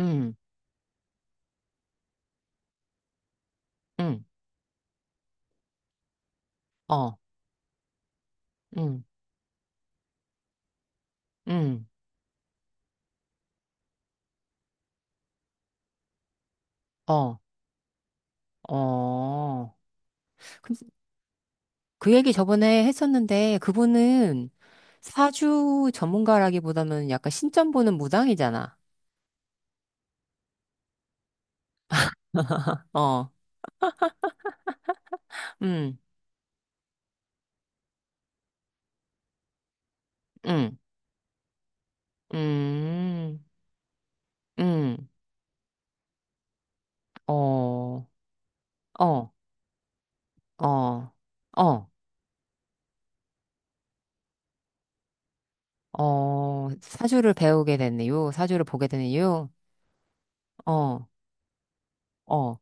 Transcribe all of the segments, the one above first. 음. 음. 어. 음. 음. 어. 어. 그, 그 얘기 저번에 했었는데 그분은 사주 전문가라기보다는 약간 신점 보는 무당이잖아. 어. 음. 음. 음. 음. 어. 어. 어. 어. 사주를 배우게 된 이유, 사주를 보게 된 이유, 어, 어.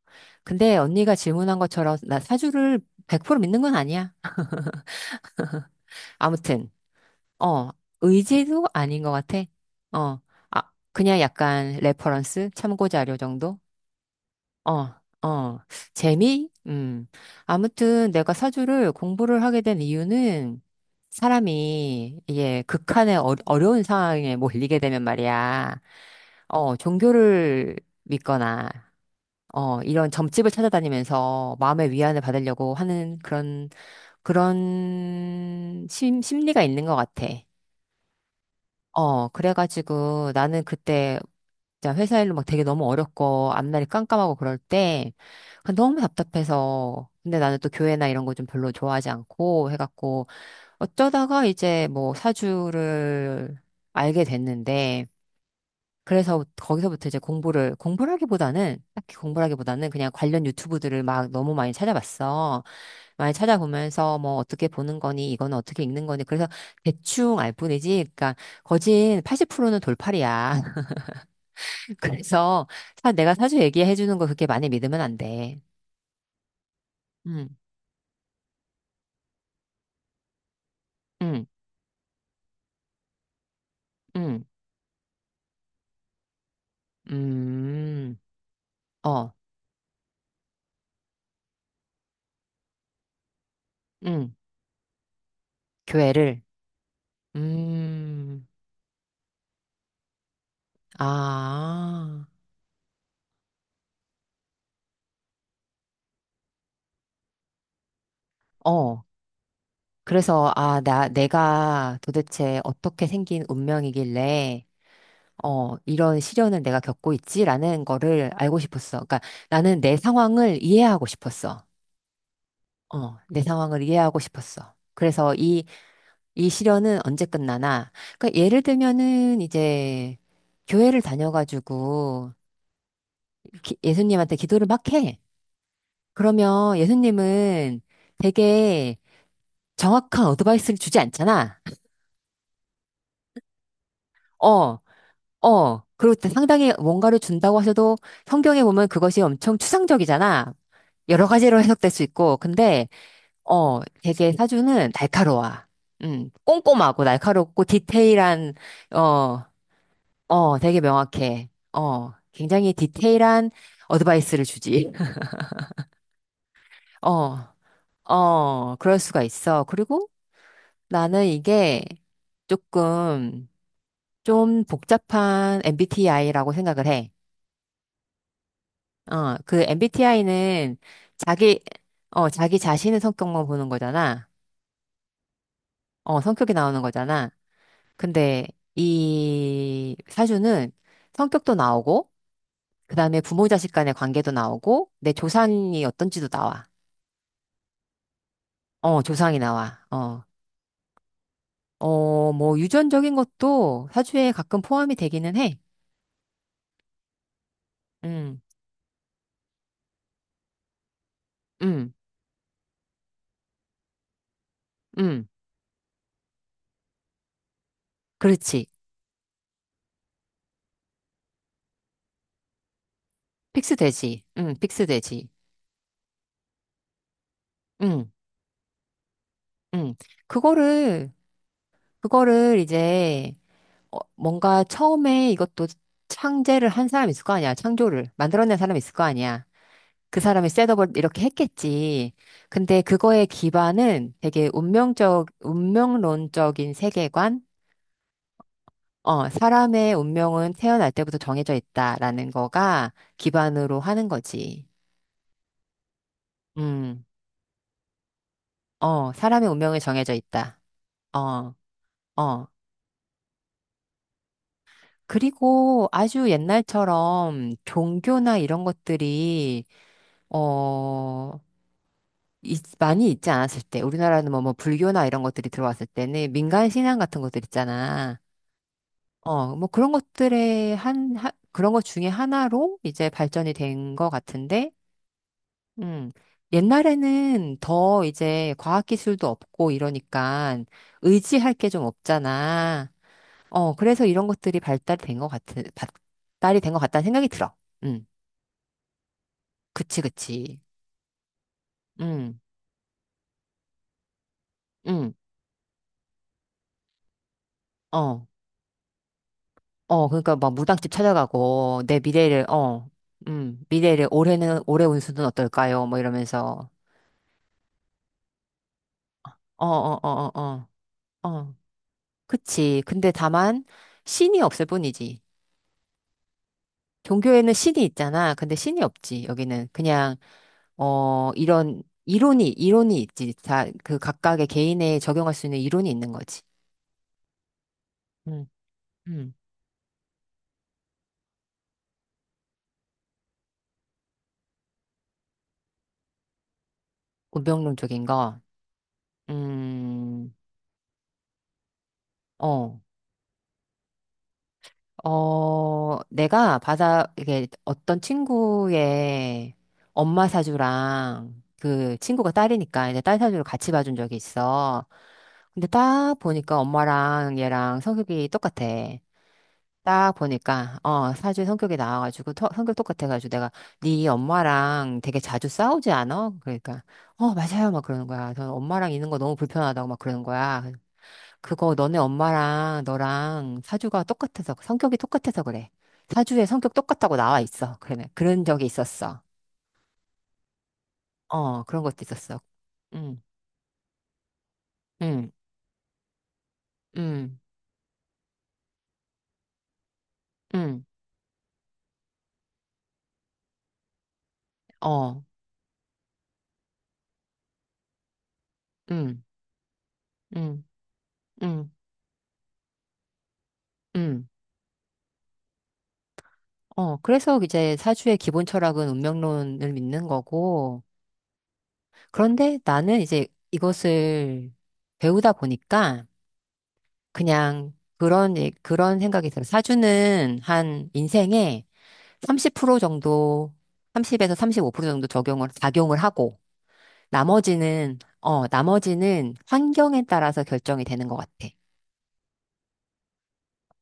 근데 언니가 질문한 것처럼 나 사주를 100% 믿는 건 아니야. 아무튼. 어, 의지도 아닌 것 같아. 어, 아, 그냥 약간 레퍼런스, 참고 자료 정도? 어. 어. 재미? 음. 아무튼 내가 사주를 공부를 하게 된 이유는 사람이 이게 극한의 어려운 상황에 몰리게 되면 말이야. 종교를 믿거나, 이런 점집을 찾아다니면서 마음의 위안을 받으려고 하는 그런, 그런 심리가 있는 것 같아. 어, 그래가지고 나는 그때 진짜 회사 일로 막 되게 너무 어렵고 앞날이 깜깜하고 그럴 때 그냥 너무 답답해서, 근데 나는 또 교회나 이런 거 좀 별로 좋아하지 않고 해갖고 어쩌다가 이제 뭐 사주를 알게 됐는데 그래서 거기서부터 이제 공부라기보다는, 딱히 공부라기보다는 그냥 관련 유튜브들을 막 너무 많이 찾아봤어. 많이 찾아보면서 뭐 어떻게 보는 거니, 이거는 어떻게 읽는 거니. 그래서 대충 알 뿐이지. 그러니까 거진 80%는 돌팔이야. 그래서 내가 사주 얘기해 주는 거 그렇게 많이 믿으면 안 돼. 음. 음. 음. 음. 어. 음. 교회를. 음. 아. 어. 그래서, 내가 도대체 어떻게 생긴 운명이길래, 이런 시련을 내가 겪고 있지라는 거를 알고 싶었어. 그러니까 나는 내 상황을 이해하고 싶었어. 어, 내 상황을 이해하고 싶었어. 그래서 이 시련은 언제 끝나나. 그러니까 예를 들면은 이제 교회를 다녀가지고 예수님한테 기도를 막 해. 그러면 예수님은 되게 정확한 어드바이스를 주지 않잖아. 어. 그리고 상당히 뭔가를 준다고 하셔도 성경에 보면 그것이 엄청 추상적이잖아. 여러 가지로 해석될 수 있고. 근데, 어, 되게 사주는 날카로워. 꼼꼼하고 날카롭고 디테일한, 어, 어, 되게 명확해. 어, 굉장히 디테일한 어드바이스를 주지. 어, 그럴 수가 있어. 그리고 나는 이게 조금 좀 복잡한 MBTI라고 생각을 해. 어, 그 MBTI는 자기, 어, 자기 자신의 성격만 보는 거잖아. 어, 성격이 나오는 거잖아. 근데 이 사주는 성격도 나오고, 그 다음에 부모 자식 간의 관계도 나오고, 내 조상이 어떤지도 나와. 어, 조상이 나와. 어, 어, 뭐 유전적인 것도 사주에 가끔 포함이 되기는 해. 음. 음. 음. 그렇지. 픽스되지. 픽스되지. 음. 음. 그거를, 그거를 이제, 어, 뭔가 처음에 이것도 창제를 한 사람이 있을 거 아니야. 창조를 만들어낸 사람이 있을 거 아니야. 그 사람이 셋업을 이렇게 했겠지. 근데 그거의 기반은 되게 운명론적인 세계관? 어, 사람의 운명은 태어날 때부터 정해져 있다라는 거가 기반으로 하는 거지. 음. 어, 사람의 운명이 정해져 있다. 어, 어. 그리고 아주 옛날처럼 종교나 이런 것들이 어, 많이 있지 않았을 때, 우리나라는 뭐, 불교나 이런 것들이 들어왔을 때는 민간 신앙 같은 것들 있잖아. 어, 뭐 그런 것들의 그런 것 중에 하나로 이제 발전이 된 것 같은데, 음, 옛날에는 더 이제 과학기술도 없고 이러니까 의지할 게 좀 없잖아. 어, 그래서 이런 것들이 발달이 된 것 같다는 생각이 들어. 음, 그치, 그치. 음. 음. 어. 어, 그러니까 막 무당집 찾아가고 내 미래를 어, 미래를 올해는 올해 운수는 어떨까요? 뭐 이러면서. 어, 어, 어, 어, 어, 어, 그치. 근데 다만 신이 없을 뿐이지. 종교에는 신이 있잖아. 근데 신이 없지. 여기는 그냥 어 이런 이론이 있지. 다 그 각각의 개인에 적용할 수 있는 이론이 있는 거지. 음. 음. 운명론적인 거. 음. 어. 어, 내가 받아 이게 어떤 친구의 엄마 사주랑 그 친구가 딸이니까 이제 딸 사주를 같이 봐준 적이 있어. 근데 딱 보니까 엄마랑 얘랑 성격이 똑같아. 딱 보니까, 어, 사주에 성격이 나와가지고, 성격 똑같아가지고 내가 네 엄마랑 되게 자주 싸우지 않아? 그러니까, 어, 맞아요. 막 그러는 거야. 저는 엄마랑 있는 거 너무 불편하다고 막 그러는 거야. 그거 너네 엄마랑 너랑 사주가 똑같아서, 성격이 똑같아서 그래. 사주에 성격 똑같다고 나와 있어. 그래. 그런 적이 있었어. 어, 그런 것도 있었어. 응. 응. 응. 응. 어. 응. 응. 응. 응. 어, 그래서 이제 사주의 기본 철학은 운명론을 믿는 거고, 그런데 나는 이제 이것을 배우다 보니까 그냥 그런, 그런 생각이 들어. 사주는 한 인생에 30% 정도, 30에서 35% 정도 작용을 하고, 나머지는, 어, 나머지는 환경에 따라서 결정이 되는 것 같아.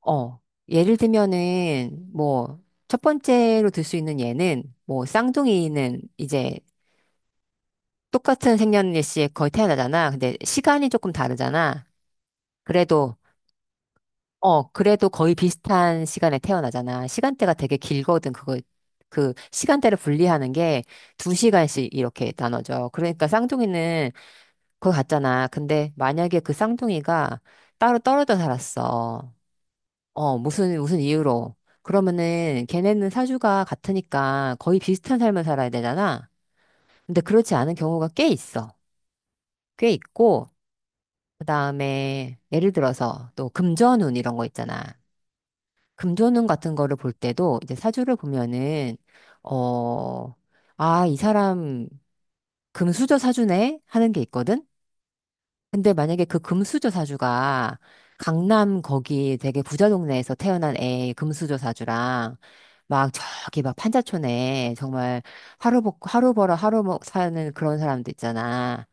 어, 예를 들면은, 뭐, 첫 번째로 들 수 있는 예는, 뭐, 쌍둥이는 이제 똑같은 생년일시에 거의 태어나잖아. 근데 시간이 조금 다르잖아. 그래도 어, 그래도 거의 비슷한 시간에 태어나잖아. 시간대가 되게 길거든. 시간대를 분리하는 게 두시간씩 이렇게 나눠져. 그러니까 쌍둥이는 그거 같잖아. 근데 만약에 그 쌍둥이가 따로 떨어져 살았어. 어, 무슨 이유로. 그러면은 걔네는 사주가 같으니까 거의 비슷한 삶을 살아야 되잖아. 근데 그렇지 않은 경우가 꽤 있어. 꽤 있고, 그 다음에 예를 들어서 또 금전운 이런 거 있잖아. 금조는 같은 거를 볼 때도 이제 사주를 보면은 어, 아, 이 사람 금수저 사주네 하는 게 있거든. 근데 만약에 그 금수저 사주가 강남 거기 되게 부자 동네에서 태어난 애 금수저 사주랑 막 저기 막 판자촌에 정말 하루 벌 하루 벌어 하루 먹 사는 그런 사람도 있잖아.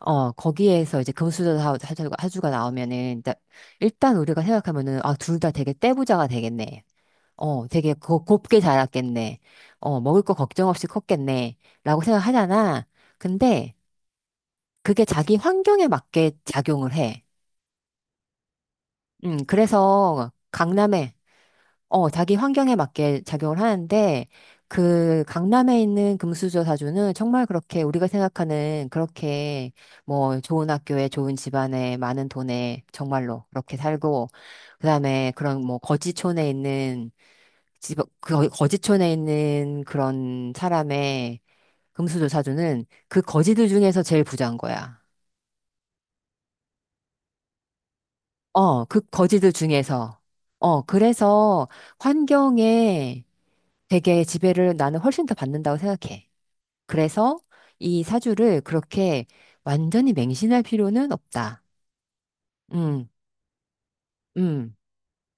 어, 거기에서 이제 금수저 사주가 나오면은 일단 우리가 생각하면은 아, 둘 다 되게 떼부자가 되겠네. 어, 되게 곱게 자랐겠네. 어, 먹을 거 걱정 없이 컸겠네. 라고 생각하잖아. 근데 그게 자기 환경에 맞게 작용을 해. 그래서 강남에, 어, 자기 환경에 맞게 작용을 하는데 그 강남에 있는 금수저 사주는 정말 그렇게 우리가 생각하는 그렇게 뭐 좋은 학교에 좋은 집안에 많은 돈에 정말로 그렇게 살고 그다음에 그런 뭐 거지촌에 있는 그 거지촌에 있는 그런 사람의 금수저 사주는 그 거지들 중에서 제일 부자인 거야. 어, 그 거지들 중에서. 어, 그래서 환경에 되게 지배를 나는 훨씬 더 받는다고 생각해. 그래서 이 사주를 그렇게 완전히 맹신할 필요는 없다. 음. 음.